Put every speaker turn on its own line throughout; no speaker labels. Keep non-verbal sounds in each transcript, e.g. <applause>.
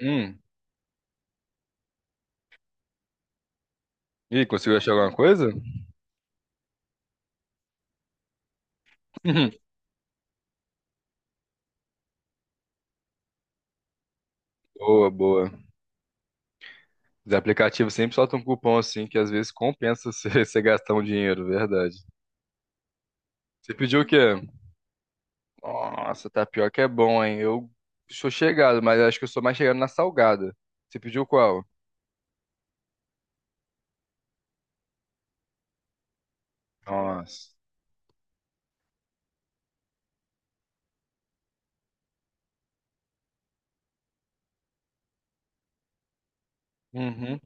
Hum. E conseguiu achar alguma coisa? <laughs> Uhum. Boa, boa. Os aplicativos sempre soltam um cupom assim, que às vezes compensa você <laughs> você gastar um dinheiro, verdade. Você pediu o quê? Nossa, tapioca é bom, hein? Eu sou chegado, mas acho que eu sou mais chegado na salgada. Você pediu qual? Nossa. Uhum.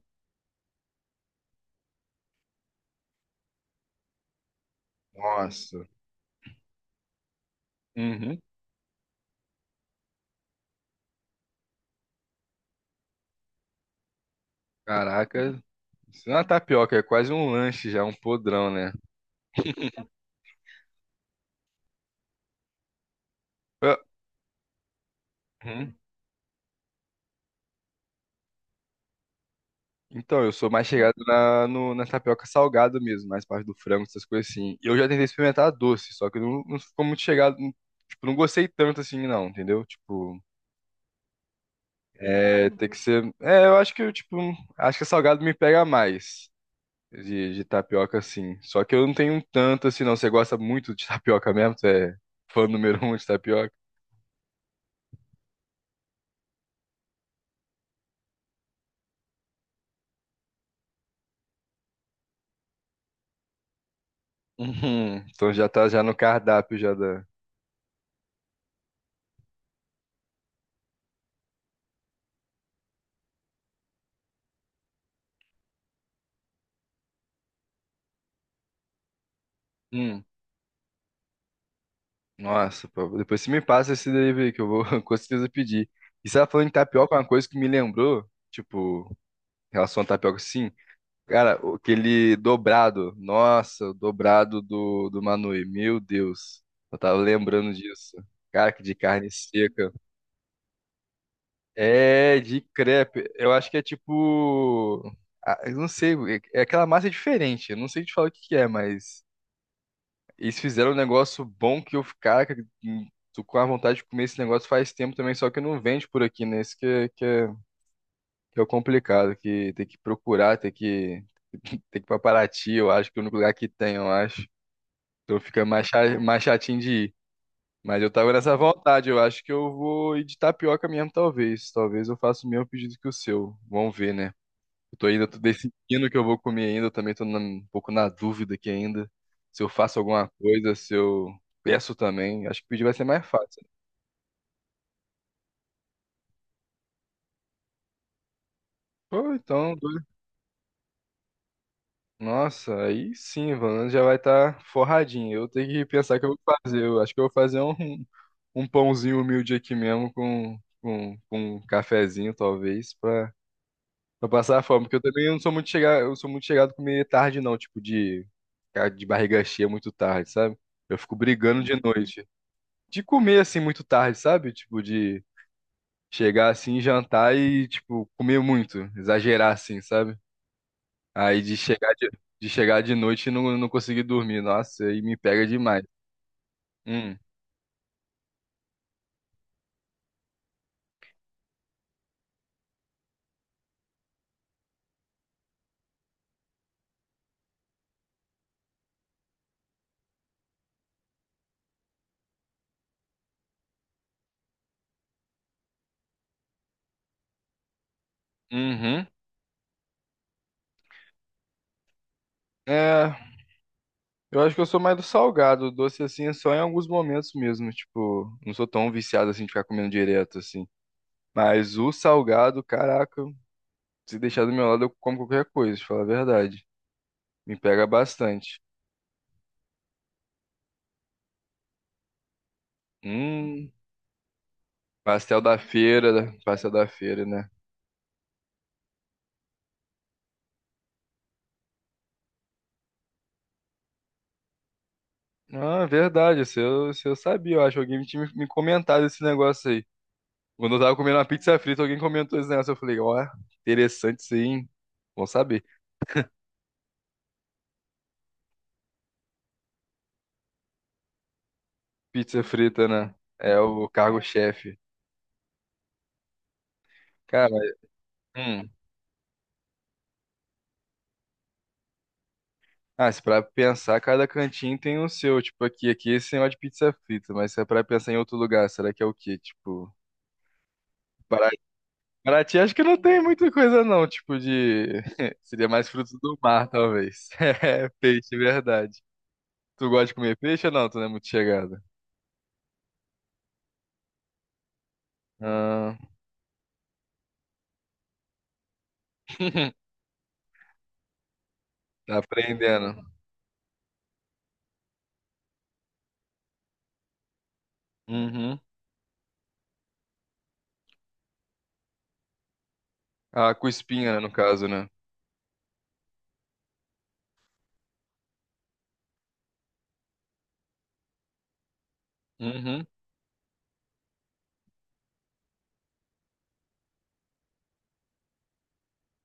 Nossa. Uhum. Caraca. Isso não é uma tapioca, é quase um lanche já, um podrão, né? Ah, uhum. Então, eu sou mais chegado na, no- na tapioca salgada mesmo, mais parte do frango, essas coisas assim. Eu já tentei experimentar a doce, só que não ficou muito chegado. Tipo, não gostei tanto assim, não, entendeu? Tipo, é, tem que ser. É, eu acho que eu, tipo, acho que salgado me pega mais de tapioca, assim. Só que eu não tenho tanto assim, não. Você gosta muito de tapioca mesmo? Você é fã número um de tapioca? Uhum. Então já tá já no cardápio já da. Nossa, pô, depois você me passa esse delivery que eu vou <laughs> com certeza pedir. E você tava falando de tapioca, uma coisa que me lembrou, tipo, em relação a tapioca, sim. Cara, aquele dobrado, nossa, o dobrado do Manui, meu Deus, eu tava lembrando disso. Cara, que de carne seca. É, de crepe, eu acho que é tipo, ah, eu não sei, é aquela massa diferente, eu não sei te falar o que que é, mas... Eles fizeram um negócio bom que eu, cara, tô com a vontade de comer esse negócio faz tempo também, só que não vende por aqui, né? Isso que é o complicado, que tem que procurar, <laughs> tem que ir pra Paraty, eu acho que é o único lugar que tem, eu acho. Então fica mais, mais chatinho de ir. Mas eu tava nessa vontade, eu acho que eu vou ir de tapioca mesmo, talvez. Talvez eu faça o mesmo pedido que o seu. Vamos ver, né? Eu tô ainda Tô decidindo o que eu vou comer ainda. Eu também um pouco na dúvida aqui ainda. Se eu faço alguma coisa, se eu peço também. Acho que pedir vai ser mais fácil. Pô, então, doido. Nossa, aí sim, Valando já vai estar forradinho. Eu tenho que pensar o que eu vou fazer. Eu acho que eu vou fazer um, um pãozinho humilde aqui mesmo com um cafezinho, talvez, pra passar a fome. Porque eu também não sou muito chegado, eu sou muito chegado a comer tarde, não, tipo, de, ficar de barriga cheia muito tarde, sabe? Eu fico brigando de noite. De comer assim muito tarde, sabe? Tipo, de chegar assim, jantar e, tipo, comer muito, exagerar assim, sabe? Aí de chegar De chegar de noite e não conseguir dormir. Nossa, aí me pega demais. Hum. Uhum. É, eu acho que eu sou mais do salgado, doce assim, é só em alguns momentos mesmo, tipo, não sou tão viciado assim de ficar comendo direto assim. Mas o salgado, caraca, se deixar do meu lado eu como qualquer coisa, pra falar a verdade. Me pega bastante. Hum. Pastel da feira, né? Ah, verdade, isso eu sabia, eu acho. Que alguém tinha me comentado esse negócio aí. Quando eu tava comendo uma pizza frita, alguém comentou esse negócio. Eu falei, ó, interessante sim. Bom saber. Pizza frita, né? É o cargo-chefe. Cara, hum. Ah, se pra pensar, cada cantinho tem o seu. Tipo, aqui esse negócio de pizza frita. Mas se é pra pensar em outro lugar, será que é o quê? Tipo, Paraty acho que não tem muita coisa não, tipo de... <laughs> Seria mais frutos do mar, talvez. <laughs> É, peixe, verdade. Tu gosta de comer peixe ou não? Tu não é muito chegada. Ah, <laughs> tá aprendendo. Uhum. Ah, com espinha, né, no caso, né? Uhum.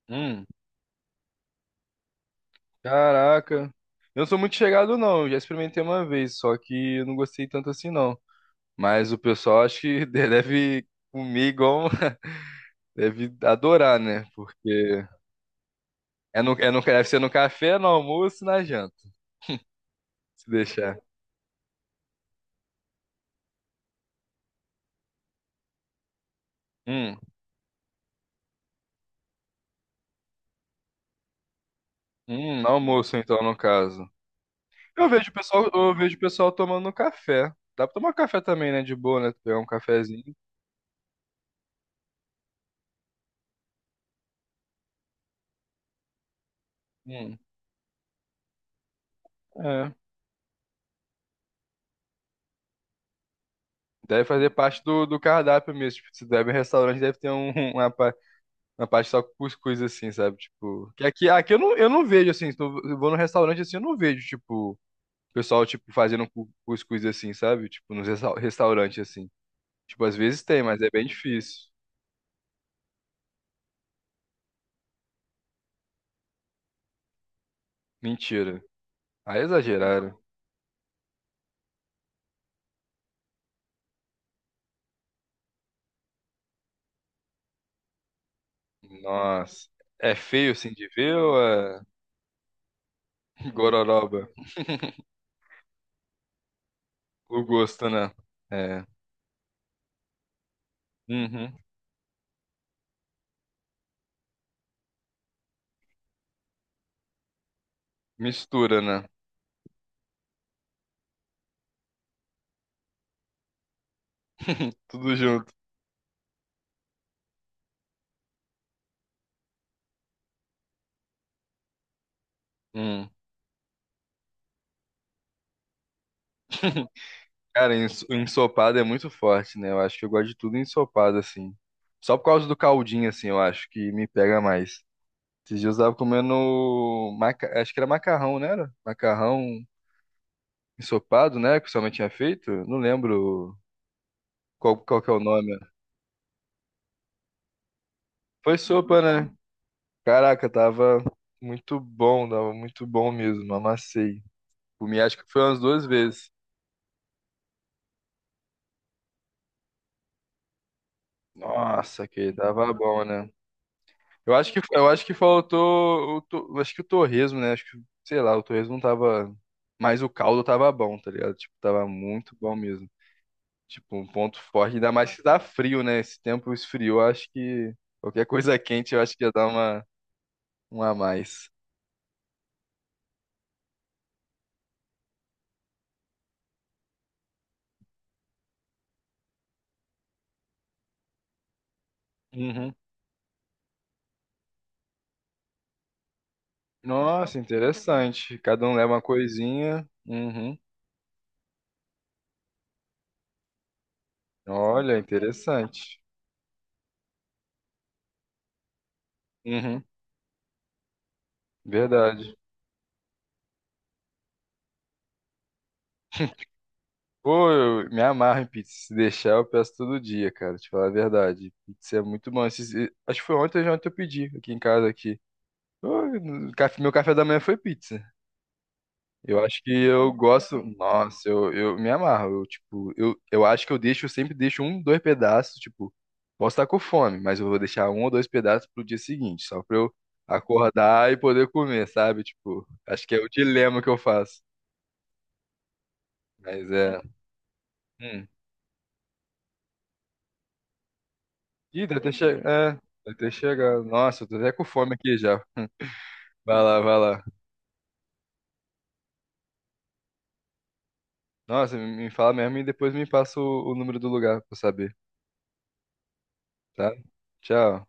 Hum. Caraca. Eu não sou muito chegado não, eu já experimentei uma vez, só que eu não gostei tanto assim não. Mas o pessoal acho que <laughs> deve comer igual... <laughs> Deve adorar, né? Porque é no, deve ser no café, no almoço e na janta. Se deixar. Hum, almoço então, no caso. Eu vejo o pessoal tomando café. Dá pra tomar café também, né? De boa, né? Pegar um cafezinho. Hum, é. Deve fazer parte do cardápio mesmo. Tipo, se deve restaurante, deve ter um, <laughs> uma parte só com cuscuz, assim, sabe? Tipo. Que aqui eu não vejo, assim. Se eu vou no restaurante assim, eu não vejo, tipo, o pessoal, tipo, cuscuz assim, sabe? Tipo, nos restaurantes, assim. Tipo, às vezes tem, mas é bem difícil. Mentira. Aí exageraram. Nossa. É feio assim de ver ou é <laughs> gororoba? O gosto, né? É. Uhum. Mistura, né? <laughs> Tudo junto. Hum. <laughs> Cara, o ensopado é muito forte, né? Eu acho que eu gosto de tudo ensopado, assim. Só por causa do caldinho, assim, eu acho que me pega mais. Esses dias eu tava comendo. Maca... Acho que era macarrão, né? Era? Macarrão ensopado, né? Que sua mãe tinha feito. Não lembro qual, qual que é o nome. Foi sopa, né? Caraca, tava muito bom mesmo, amassei. Comi acho que foi umas duas vezes. Nossa, que tava bom, né? Eu acho que faltou acho que o torresmo, né? Acho que, sei lá, o torresmo não tava, mas o caldo tava bom, tá ligado? Tipo, tava muito bom mesmo. Tipo, um ponto forte, ainda mais que tá frio, né? Esse tempo esfriou, acho que qualquer coisa <laughs> quente eu acho que ia dar uma um a mais. Uhum. Nossa, interessante. Cada um leva uma coisinha. Uhum. Olha, interessante. Uhum, verdade. Pô, eu me amarro em pizza. Se deixar, eu peço todo dia, cara. Te falar a verdade. Pizza é muito bom. Acho que foi ontem ou ontem eu pedi aqui em casa aqui. Pô, no café- Meu café da manhã foi pizza. Eu acho que eu gosto. Nossa, eu me amarro. Eu acho que eu deixo, eu sempre deixo um, dois pedaços. Tipo, posso estar com fome, mas eu vou deixar um ou dois pedaços pro dia seguinte, só pra eu acordar e poder comer, sabe? Tipo, acho que é o dilema que eu faço. Mas é. Hum. Ih, deve ter chegado. É, deve ter chegado. Nossa, eu tô até com fome aqui já. Vai lá, vai lá. Nossa, me fala mesmo e depois me passa o número do lugar pra eu saber, tá? Tchau.